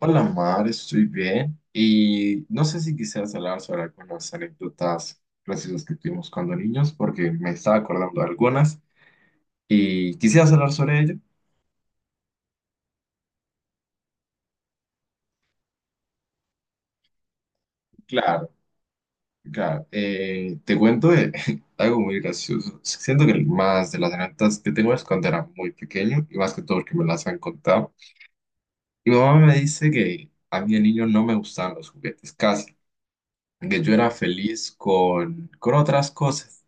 Hola Mar, estoy bien y no sé si quisieras hablar sobre algunas anécdotas graciosas que tuvimos cuando niños, porque me estaba acordando de algunas y quisieras hablar sobre ello. Claro, claro. Te cuento de algo muy gracioso. Siento que más de las anécdotas que tengo es cuando era muy pequeño y más que todo porque me las han contado. Mi mamá me dice que a mí de niño no me gustaban los juguetes, casi, que yo era feliz con otras cosas.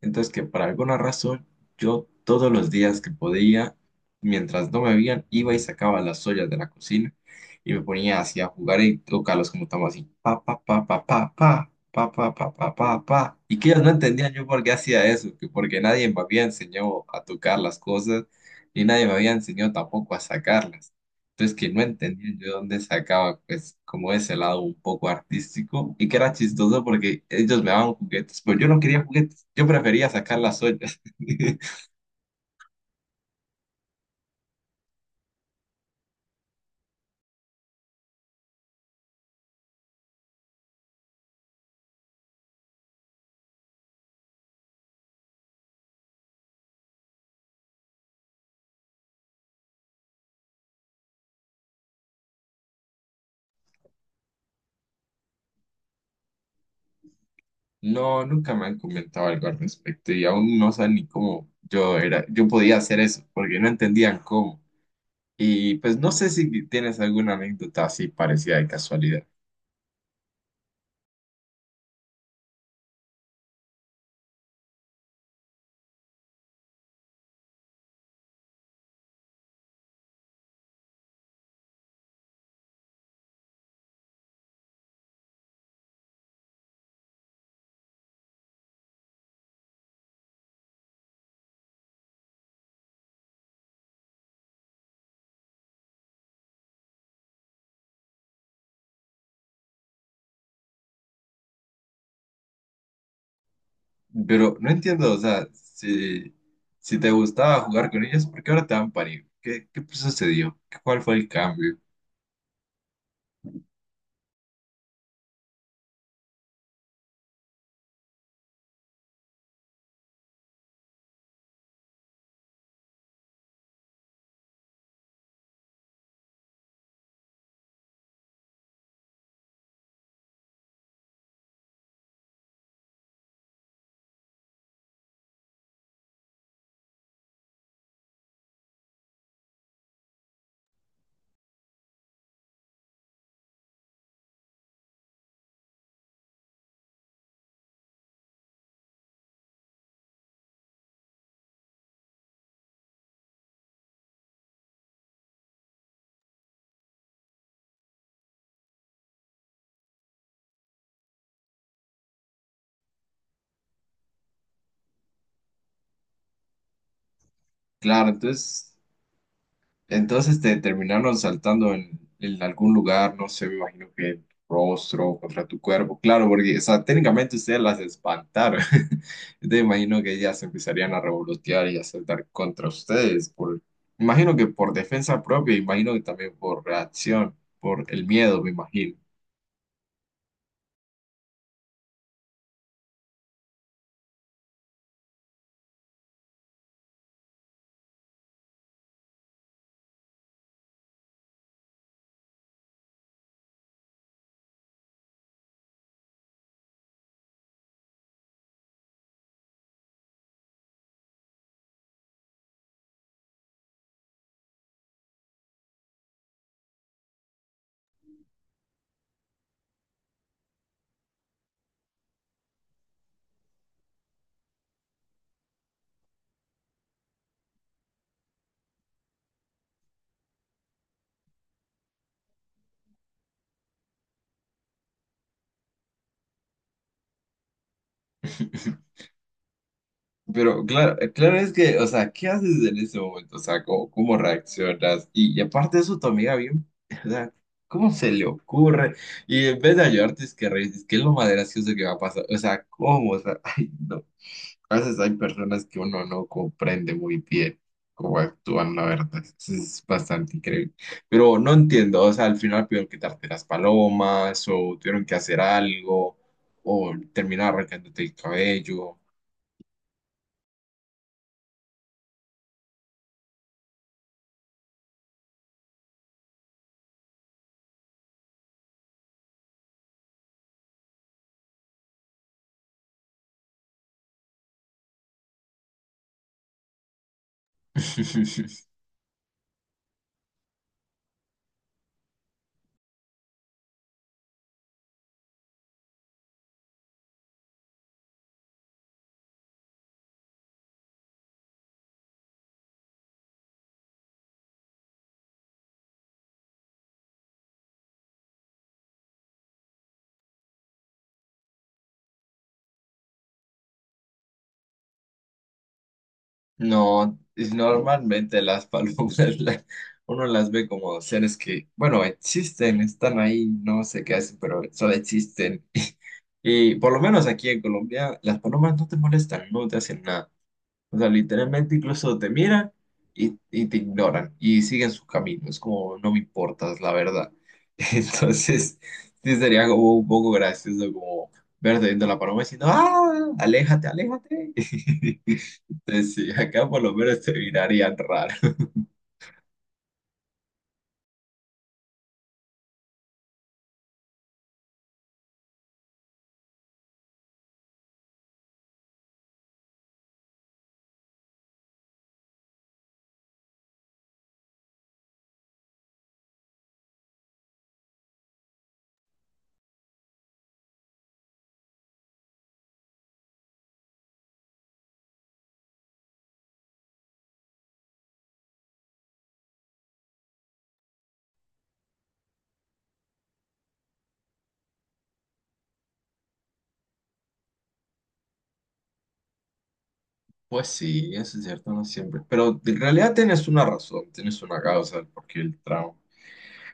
Entonces que por alguna razón yo todos los días que podía, mientras no me veían, iba y sacaba las ollas de la cocina y me ponía así a jugar y tocarlos como estamos así, pa, pa, pa, pa, pa, pa, pa, pa, pa, pa, pa, pa. Y que ellos no entendían yo por qué hacía eso, que porque nadie me había enseñado a tocar las cosas y nadie me había enseñado tampoco a sacarlas. Entonces que no entendía yo de dónde sacaba pues como ese lado un poco artístico y que era chistoso porque ellos me daban juguetes, pero yo no quería juguetes, yo prefería sacar las ollas. No, nunca me han comentado algo al respecto y aún no saben ni cómo yo era, yo podía hacer eso porque no entendían cómo. Y pues no sé si tienes alguna anécdota así parecida de casualidad, pero no entiendo, o sea, si te gustaba jugar con ellos, ¿por qué ahora te dan pánico? ¿Qué sucedió? ¿Cuál fue el cambio? Claro, entonces te terminaron saltando en algún lugar, no sé, me imagino que el rostro contra tu cuerpo, claro, porque, o sea, técnicamente ustedes las espantaron, entonces me imagino que ellas empezarían a revolotear y a saltar contra ustedes, por, imagino que por defensa propia, imagino que también por reacción, por el miedo, me imagino. Pero claro, claro es que, o sea, ¿qué haces en ese momento? O sea, ¿cómo reaccionas? Y aparte de eso, tu amiga bien, o sea, ¿cómo se le ocurre? Y en vez de ayudarte, es que reír, es que es lo más gracioso que va a pasar. O sea, ¿cómo? O sea, ay, no. A veces hay personas que uno no comprende muy bien cómo actúan, la verdad. Eso es bastante increíble. Pero no entiendo, o sea, al final pidieron que las palomas, o tuvieron que hacer algo, o terminar arrancándote el cabello. No, es normalmente las palomas, la- uno las ve como seres que, bueno, existen, están ahí, no sé qué hacen, pero solo existen. Y por lo menos aquí en Colombia, las palomas no te molestan, no te hacen nada. O sea, literalmente incluso te miran y te ignoran y siguen su camino. Es como, no me importas, la verdad. Entonces, sí sería como un poco gracioso como verte viendo la paloma diciendo, ¡ah! ¡Aléjate, aléjate! Entonces, sí, acá por lo menos te mirarían raro. Pues sí, eso es cierto, no siempre. Pero en realidad tienes una razón, tienes una causa porque el trauma.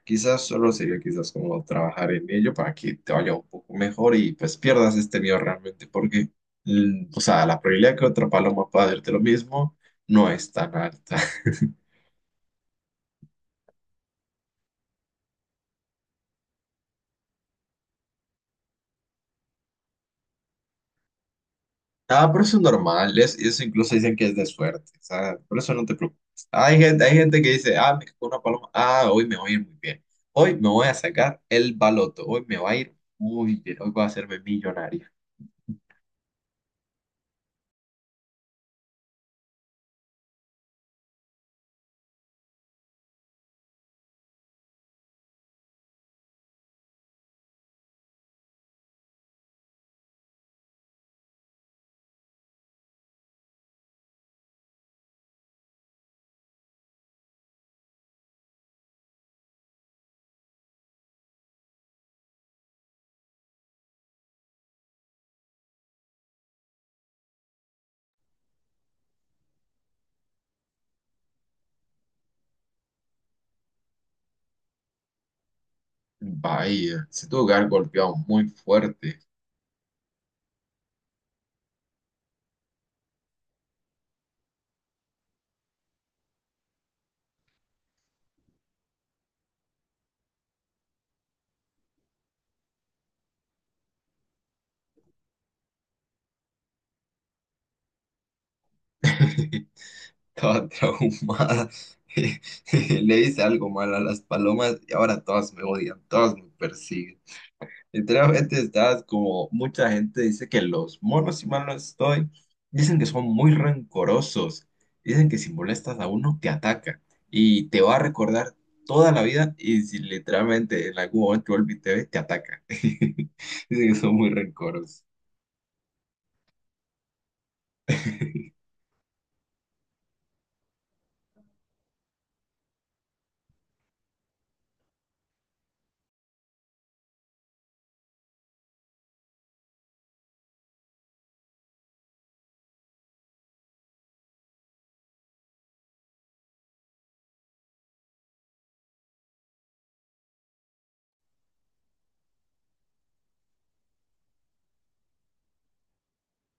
Quizás solo sería quizás como trabajar en ello para que te vaya un poco mejor y pues pierdas este miedo realmente, porque, o sea, la probabilidad que otra paloma pueda hacerte lo mismo no es tan alta. Ah, pero eso es normal, es, eso incluso dicen que es de suerte, o sea, por eso no te preocupes. Hay gente que dice, ah, me cagó una paloma, ah, hoy me voy a ir muy bien, hoy me voy a sacar el baloto, hoy me va a ir muy bien, hoy voy a hacerme millonario. Vaya, si tu hogar golpeado muy fuerte. Estaba traumada. Le hice algo mal a las palomas y ahora todas me odian, todas me persiguen. Literalmente estás como mucha gente dice que los monos, si mal no estoy, dicen que son muy rencorosos. Dicen que si molestas a uno te ataca y te va a recordar toda la vida y si literalmente en algún momento vuelve y te ve, te ataca. Dicen que son muy rencorosos.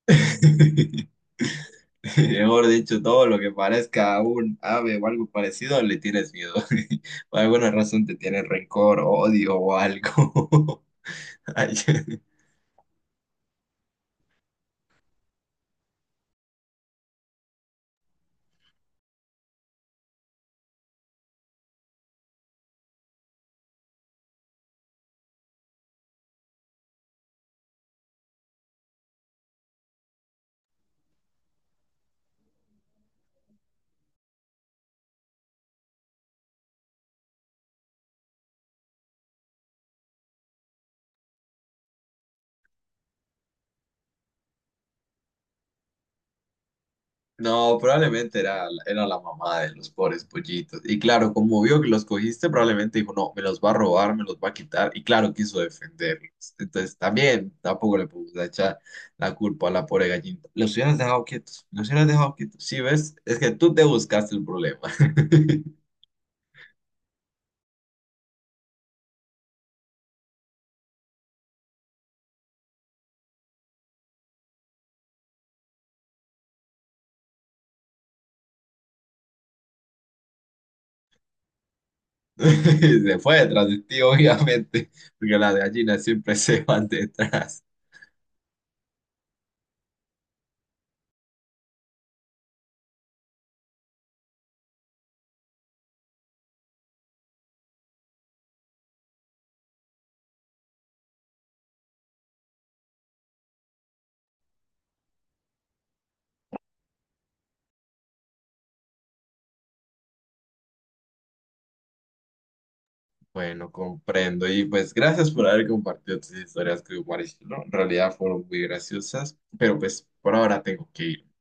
Mejor dicho, todo lo que parezca un ave o algo parecido, le tienes miedo. Por alguna razón te tienes rencor, odio o algo. Ay, no, probablemente era la mamá de los pobres pollitos. Y claro, como vio que los cogiste, probablemente dijo, no, me los va a robar, me los va a quitar. Y claro, quiso defenderlos. Entonces también tampoco le podemos echar la culpa a la pobre gallinita. Los hubieras dejado quietos, los hubieras dejado quietos. Sí, ves, es que tú te buscaste el problema. Se fue detrás de ti, obviamente, porque las gallinas siempre se van detrás. Bueno, comprendo. Y pues gracias por haber compartido tus historias con Mauricio, ¿no? En realidad fueron muy graciosas, pero pues por ahora tengo que ir.